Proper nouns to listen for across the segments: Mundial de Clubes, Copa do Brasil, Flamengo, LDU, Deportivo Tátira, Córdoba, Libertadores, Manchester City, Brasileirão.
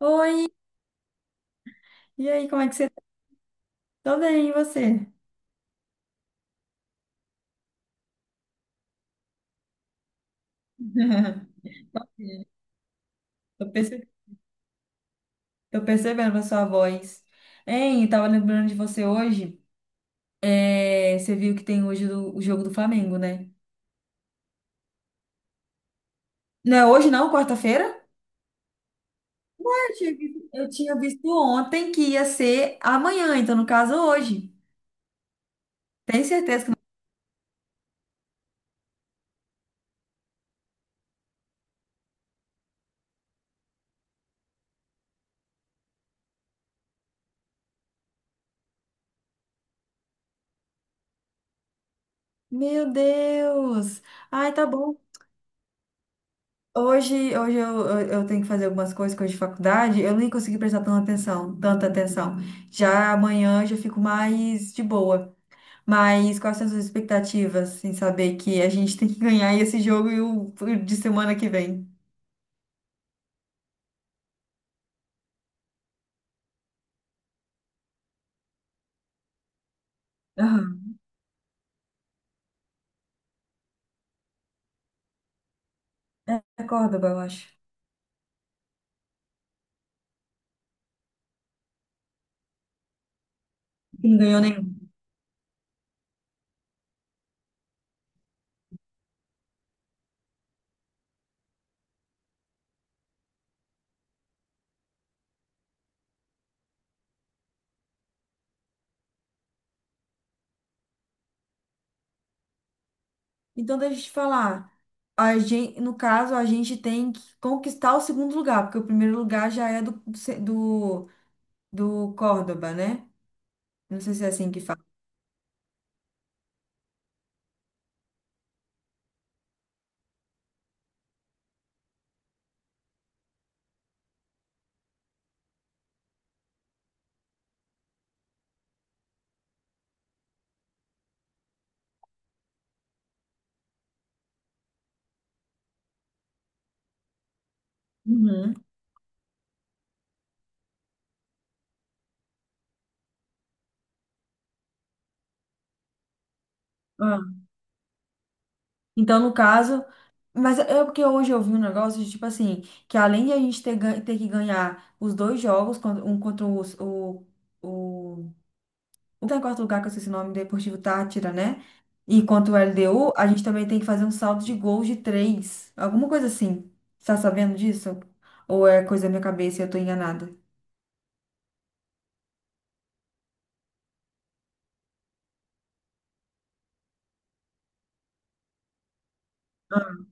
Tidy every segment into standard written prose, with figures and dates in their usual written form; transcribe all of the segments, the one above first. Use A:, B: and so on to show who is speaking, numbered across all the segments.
A: Oi, e aí, como é que você tá? Tô bem, e você? Tô perce- Tô percebendo a sua voz. Hein, eu tava lembrando de você hoje. É, você viu que tem o jogo do Flamengo, né? Não é hoje não, quarta-feira? Eu tinha visto ontem que ia ser amanhã, então no caso hoje. Tem certeza que não? Meu Deus! Ai, tá bom. Hoje eu tenho que fazer algumas coisas, coisas de faculdade, eu nem consegui prestar tanta atenção. Já amanhã eu já fico mais de boa. Mas quais são as suas expectativas, sem saber que a gente tem que ganhar esse jogo e o de semana que vem? Aham. É Córdoba, eu acho. Que não ganhou nenhum. Então, deixa eu te falar. A gente, no caso, a gente tem que conquistar o segundo lugar, porque o primeiro lugar já é do, do Córdoba, né? Não sei se é assim que fala. Uhum. Então, no caso, mas é porque hoje eu vi um negócio de tipo assim, que além de a gente ter que ganhar os dois jogos, contra- um contra os- o, o que tá em quarto lugar, que eu esqueci o nome, Deportivo Tátira, né? E contra o LDU, a gente também tem que fazer um saldo de gols de três. Alguma coisa assim. Você tá sabendo disso? Ou é coisa da minha cabeça e eu tô enganada? Ah.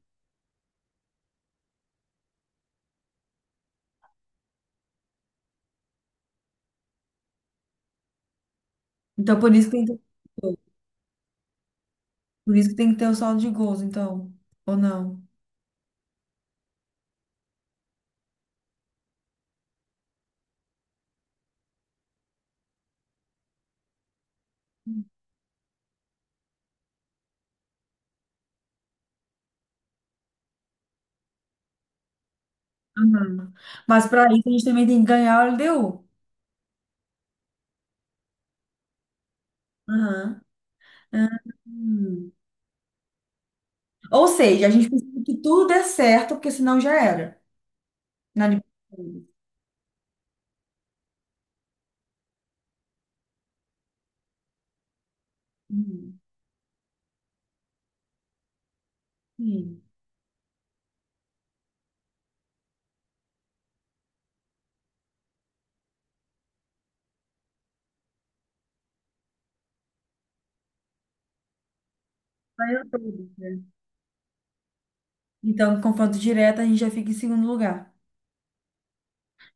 A: Então, por isso que tem que, por isso que tem que ter o saldo de gols, então. Ou não? Aham. Mas pra isso a gente também tem que ganhar o LDU. Aham. Ah, hum. Ou seja, a gente precisa que tudo dê certo, porque senão já era. Na Libertadores. Hum. Sim. Vai eu todo, né? Então, no confronto direto, a gente já fica em segundo lugar.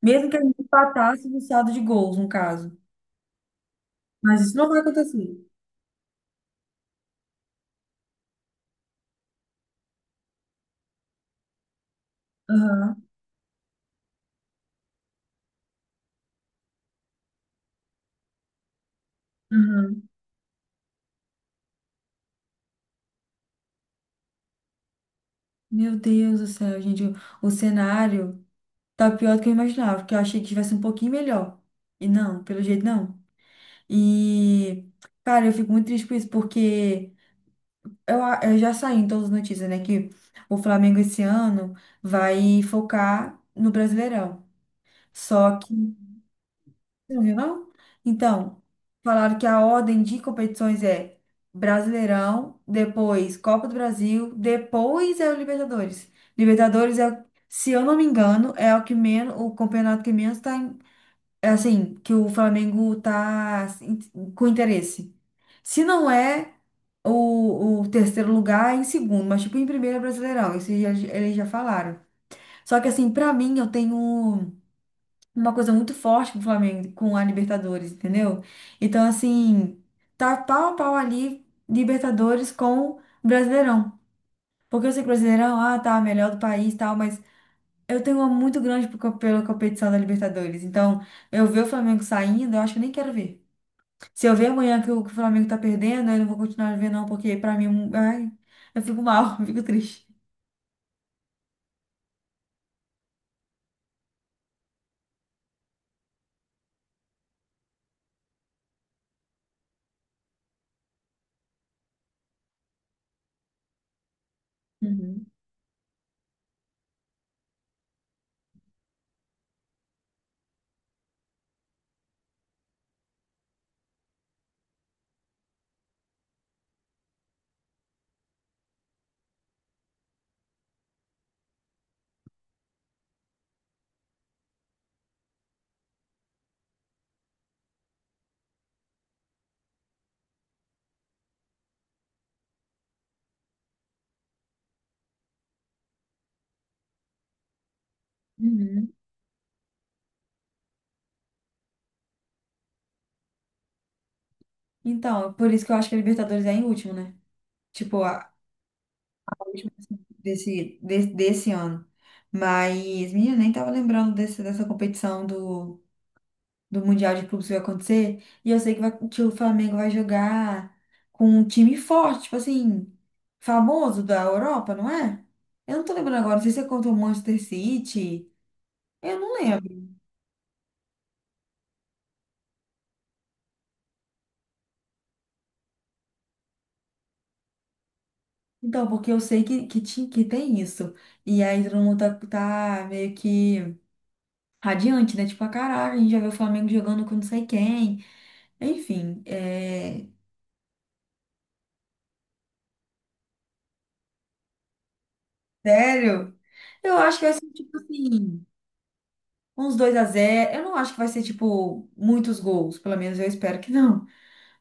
A: Mesmo que a gente empatasse no saldo de gols, no caso. Mas isso não vai acontecer. Aham, aham. Meu Deus do céu, gente. O cenário tá pior do que eu imaginava, porque eu achei que tivesse um pouquinho melhor. E não, pelo jeito não. E, cara, eu fico muito triste por isso, porque eu já saí em todas as notícias, né, que o Flamengo esse ano vai focar no Brasileirão. Só que. Você não viu, não? Então, falaram que a ordem de competições é Brasileirão, depois Copa do Brasil, depois é o Libertadores. Libertadores é, se eu não me engano, é o que menos, o campeonato que é assim, que o Flamengo tá assim, com interesse. Se não é o terceiro lugar, é em segundo, mas tipo, em primeiro é Brasileirão, eles já falaram. Só que assim, pra mim, eu tenho uma coisa muito forte com o Flamengo, com a Libertadores, entendeu? Então, assim, tá pau a pau ali Libertadores com Brasileirão. Porque eu sei que Brasileirão, ah, tá, melhor do país e tal, mas eu tenho uma muito grande pela competição da Libertadores. Então, eu ver o Flamengo saindo, eu acho que eu nem quero ver. Se eu ver amanhã que o Flamengo tá perdendo, eu não vou continuar a ver, não, porque pra mim, ai, eu fico mal, eu fico triste. Uhum. Uhum. Então, por isso que eu acho que a Libertadores é em último, né? Tipo, a, a última assim, desse ano. Mas, menina, nem tava lembrando dessa competição do Mundial de Clubes que vai acontecer. E eu sei que, vai, que o Flamengo vai jogar com um time forte, tipo assim, famoso da Europa, não é? Eu não tô lembrando agora, não sei se é contra o Manchester City. Eu não lembro. Então, porque eu sei que tem isso. E aí todo mundo tá meio que radiante, né? Tipo, ah, caraca, a gente já viu o Flamengo jogando com não sei quem. Enfim, é... Sério? Eu acho que vai ser, tipo assim, uns 2 a zero. Eu não acho que vai ser, tipo, muitos gols. Pelo menos eu espero que não.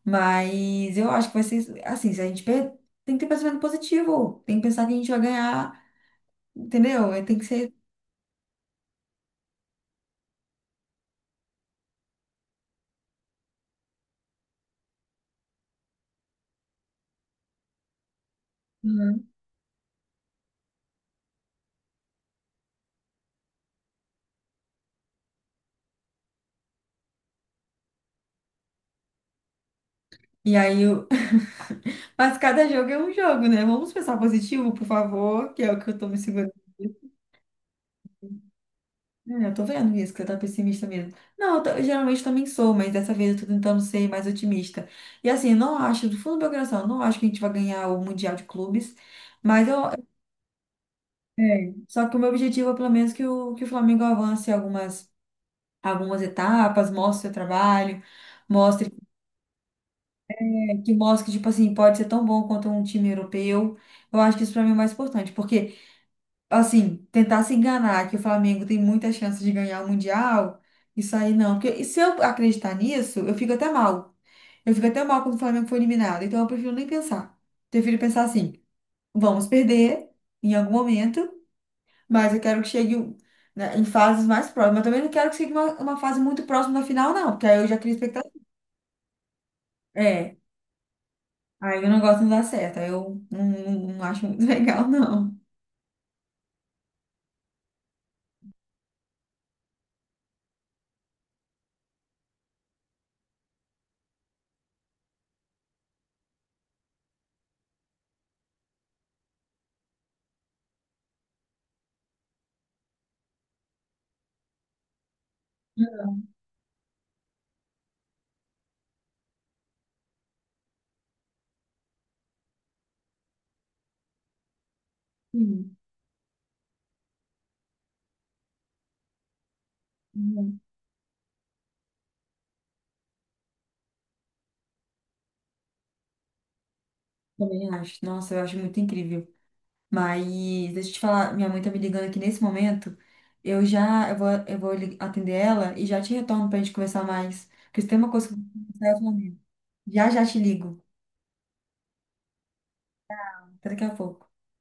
A: Mas eu acho que vai ser, assim, se a gente per... tem que ter pensamento positivo. Tem que pensar que a gente vai ganhar, entendeu? Tem que ser... Uhum. E aí, mas cada jogo é um jogo, né? Vamos pensar positivo, por favor, que é o que eu tô me segurando. É, eu tô vendo isso, que você tá pessimista mesmo. Não, eu, tô- eu geralmente também sou, mas dessa vez eu tô tentando ser mais otimista. E assim, não acho, do fundo do meu coração, não acho que a gente vai ganhar o Mundial de Clubes, mas eu. É, só que o meu objetivo é pelo menos que o Flamengo avance algumas etapas, mostre o seu trabalho, mostre que mostre que, tipo assim, pode ser tão bom quanto um time europeu. Eu acho que isso pra mim é o mais importante, porque assim, tentar se enganar que o Flamengo tem muita chance de ganhar o Mundial, isso aí não. Porque e se eu acreditar nisso, eu fico até mal. Eu fico até mal quando o Flamengo foi eliminado. Então eu prefiro nem pensar. Prefiro pensar assim, vamos perder em algum momento, mas eu quero que chegue um, né, em fases mais próximas. Eu também não quero que chegue uma fase muito próxima da final, não, porque aí eu já crio expectativa. É, aí eu não gosto de dar certo, aí eu não acho muito legal, não. Hum, hum, também acho. Nossa, eu acho muito incrível. Mas deixa eu te falar, minha mãe tá me ligando aqui nesse momento. Eu vou atender ela e já te retorno pra gente conversar mais. Porque se tem uma coisa que eu vou conversar, é comigo. Já já te ligo. Até daqui a pouco.